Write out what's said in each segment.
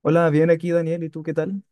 Hola, bien aquí Daniel, ¿y tú qué tal?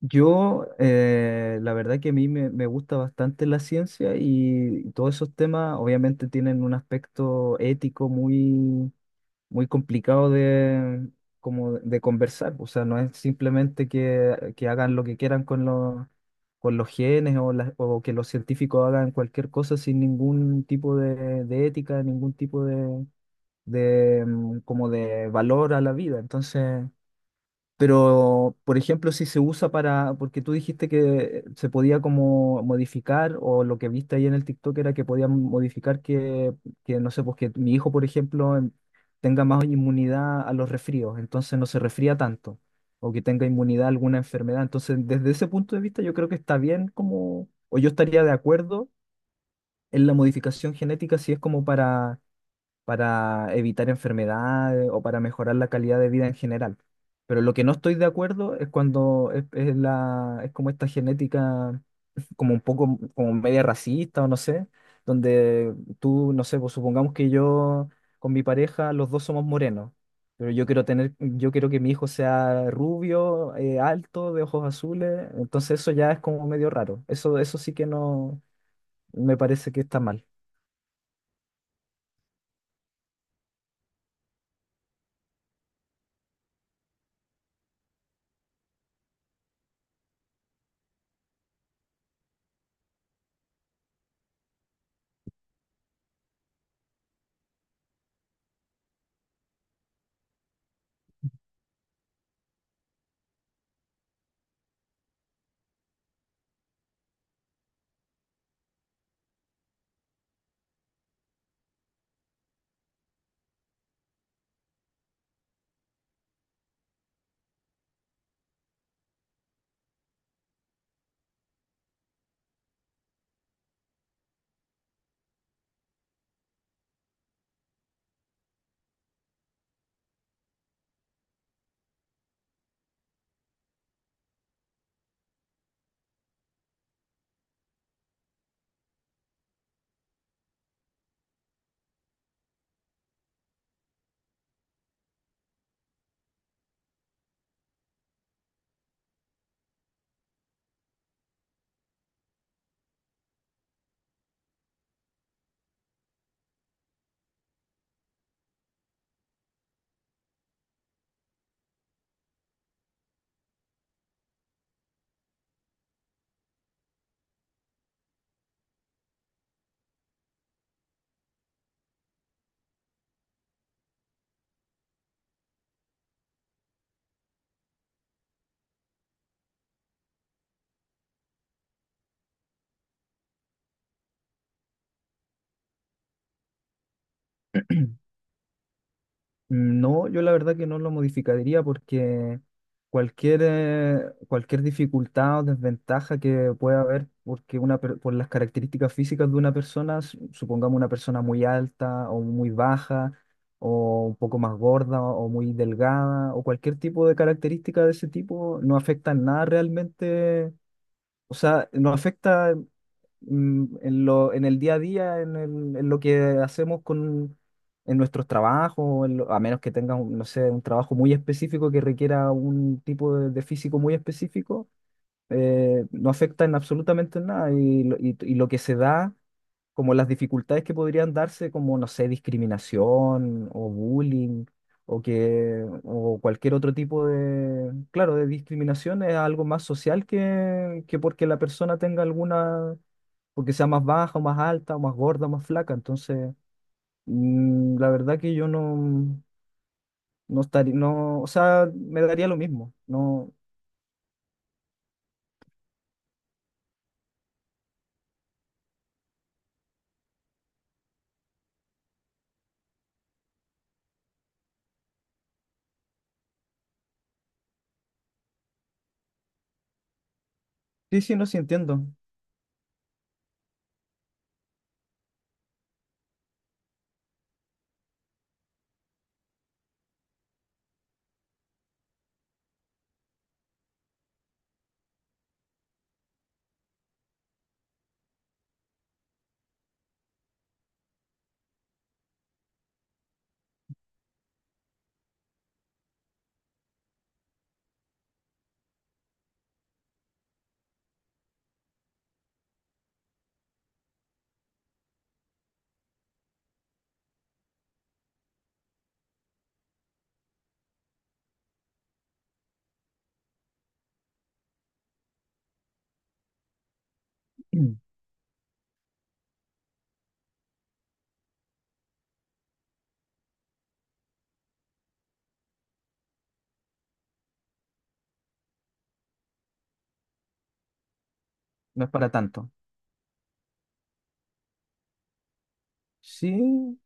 Yo, la verdad que a mí me gusta bastante la ciencia y todos esos temas obviamente tienen un aspecto ético muy, muy complicado de, como de conversar. O sea, no es simplemente que hagan lo que quieran con los genes o, o que los científicos hagan cualquier cosa sin ningún tipo de ética, ningún tipo de, como de valor a la vida. Entonces. Pero, por ejemplo, si se usa porque tú dijiste que se podía como modificar, o lo que viste ahí en el TikTok era que podían modificar que no sé, pues que mi hijo, por ejemplo, tenga más inmunidad a los resfríos, entonces no se resfría tanto, o que tenga inmunidad a alguna enfermedad. Entonces, desde ese punto de vista, yo creo que está bien como, o yo estaría de acuerdo en la modificación genética si es como para evitar enfermedades o para mejorar la calidad de vida en general. Pero lo que no estoy de acuerdo es cuando es como esta genética, como un poco, como media racista o no sé, donde tú, no sé, pues supongamos que yo con mi pareja los dos somos morenos, pero yo quiero que mi hijo sea rubio, alto, de ojos azules, entonces eso ya es como medio raro. Eso sí que no, me parece que está mal. No, yo la verdad que no lo modificaría porque cualquier, eh, cualquier dificultad o desventaja que pueda haber porque por las características físicas de una persona, supongamos una persona muy alta o muy baja o un poco más gorda o muy delgada o cualquier tipo de característica de ese tipo, no afecta en nada realmente, o sea, no afecta en lo, en el día a día, en lo que hacemos con, en nuestros trabajos, a menos que tengas, no sé, un trabajo muy específico que requiera un tipo de físico muy específico, no afecta en absolutamente en nada. Y lo que se da, como las dificultades que podrían darse, como, no sé, discriminación o bullying. O cualquier otro tipo claro, de discriminación es algo más social que porque la persona tenga alguna porque sea más baja o más alta o más gorda o más flaca. Entonces, la verdad que yo no, no estaría, no, o sea, me daría lo mismo. No, sí, sí, no, sí entiendo. No es para tanto. Sí,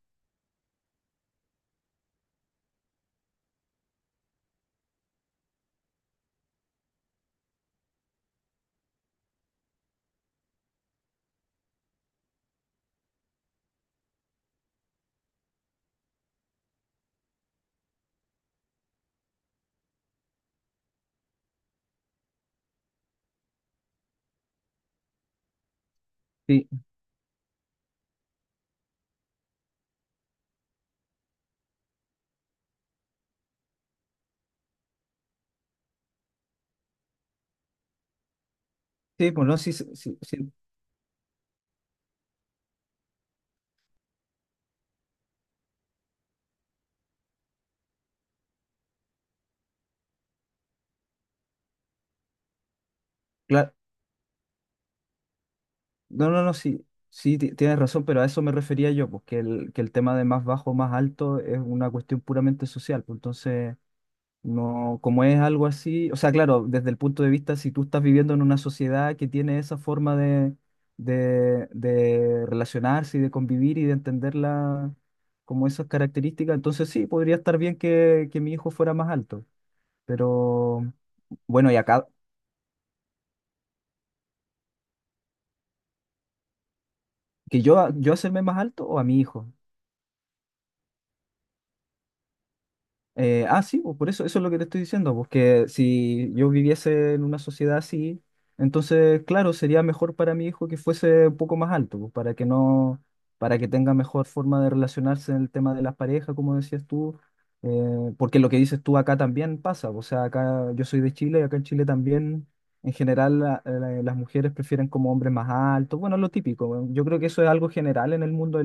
sí, sí, pues no, sí, sí, sí, sí, claro. No, no, no, sí, sí, tienes razón, pero a eso me refería yo, porque que el tema de más bajo o más alto es una cuestión puramente social. Pues entonces. No, como es algo así, o sea, claro, desde el punto de vista, si tú estás viviendo en una sociedad que tiene esa forma de relacionarse y de convivir y de entenderla como esas características, entonces sí, podría estar bien que mi hijo fuera más alto. Pero bueno, y acá, que yo hacerme más alto o a mi hijo. Ah, sí, pues por eso es lo que te estoy diciendo, porque si yo viviese en una sociedad así, entonces, claro, sería mejor para mi hijo que fuese un poco más alto, pues, para que no, para que tenga mejor forma de relacionarse en el tema de las parejas, como decías tú, porque lo que dices tú acá también pasa, o sea, acá yo soy de Chile y acá en Chile también, en general, las mujeres prefieren como hombres más altos, bueno, lo típico, yo creo que eso es algo general en el mundo,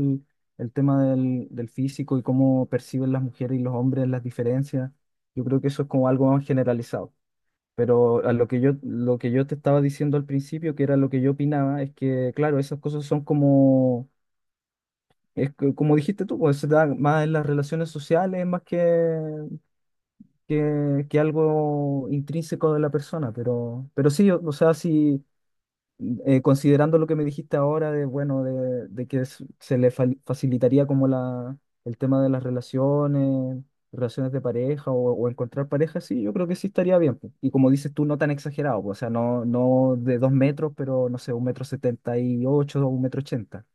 el tema del físico y cómo perciben las mujeres y los hombres las diferencias. Yo creo que eso es como algo más generalizado. Pero a lo que yo te estaba diciendo al principio, que era lo que yo opinaba, es que, claro, esas cosas son como, es que, como dijiste tú, pues se da más en las relaciones sociales, más que algo intrínseco de la persona. Pero sí, o sea, sí, considerando lo que me dijiste ahora bueno, de que se le facilitaría como el tema de las relaciones, de pareja o encontrar pareja, sí, yo creo que sí estaría bien, pues. Y como dices tú, no tan exagerado, pues, o sea, no, no de 2 metros, pero no sé, 1,78 m o 1,80 m.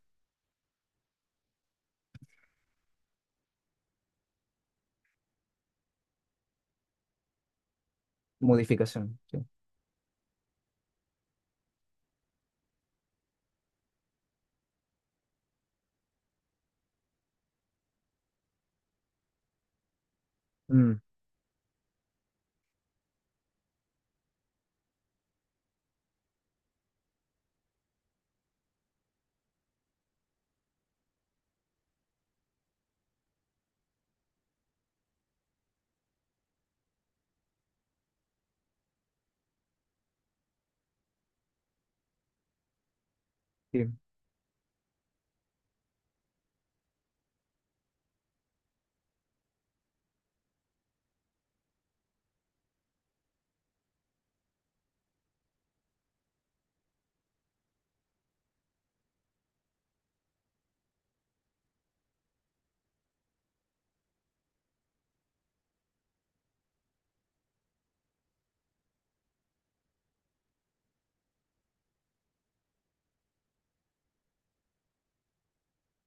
Modificación. Sí. Mm, sí.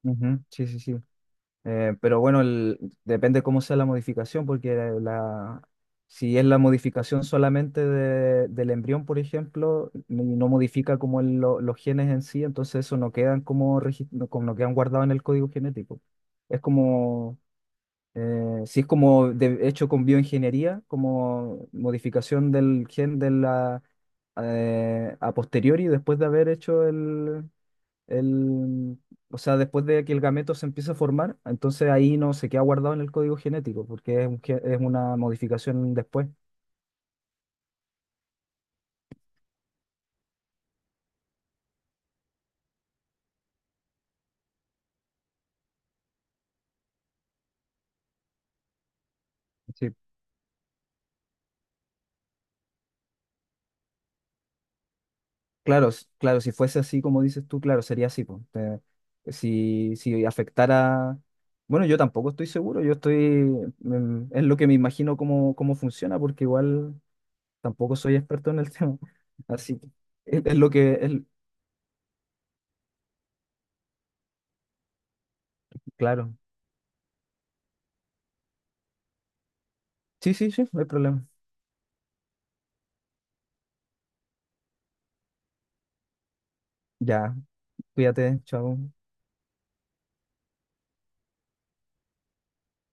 Ujú, sí, sí, sí. Pero bueno, depende cómo sea la modificación, porque la, si es la modificación solamente del embrión, por ejemplo, y no modifica como los genes en sí, entonces eso no quedan como no quedan guardados en el código genético. Es como, si es como hecho con bioingeniería, como modificación del gen de a posteriori, después de haber hecho el el, o sea, después de que el gameto se empieza a formar, entonces ahí no se queda guardado en el código genético, porque es una modificación después. Sí. Claro, si fuese así como dices tú, claro, sería así, po. Si afectara. Bueno, yo tampoco estoy seguro, yo estoy. Es lo que me imagino cómo funciona, porque igual tampoco soy experto en el tema. Así que es, lo que. Claro. Sí, sí, sí, no hay problema. Ya, cuídate, chao.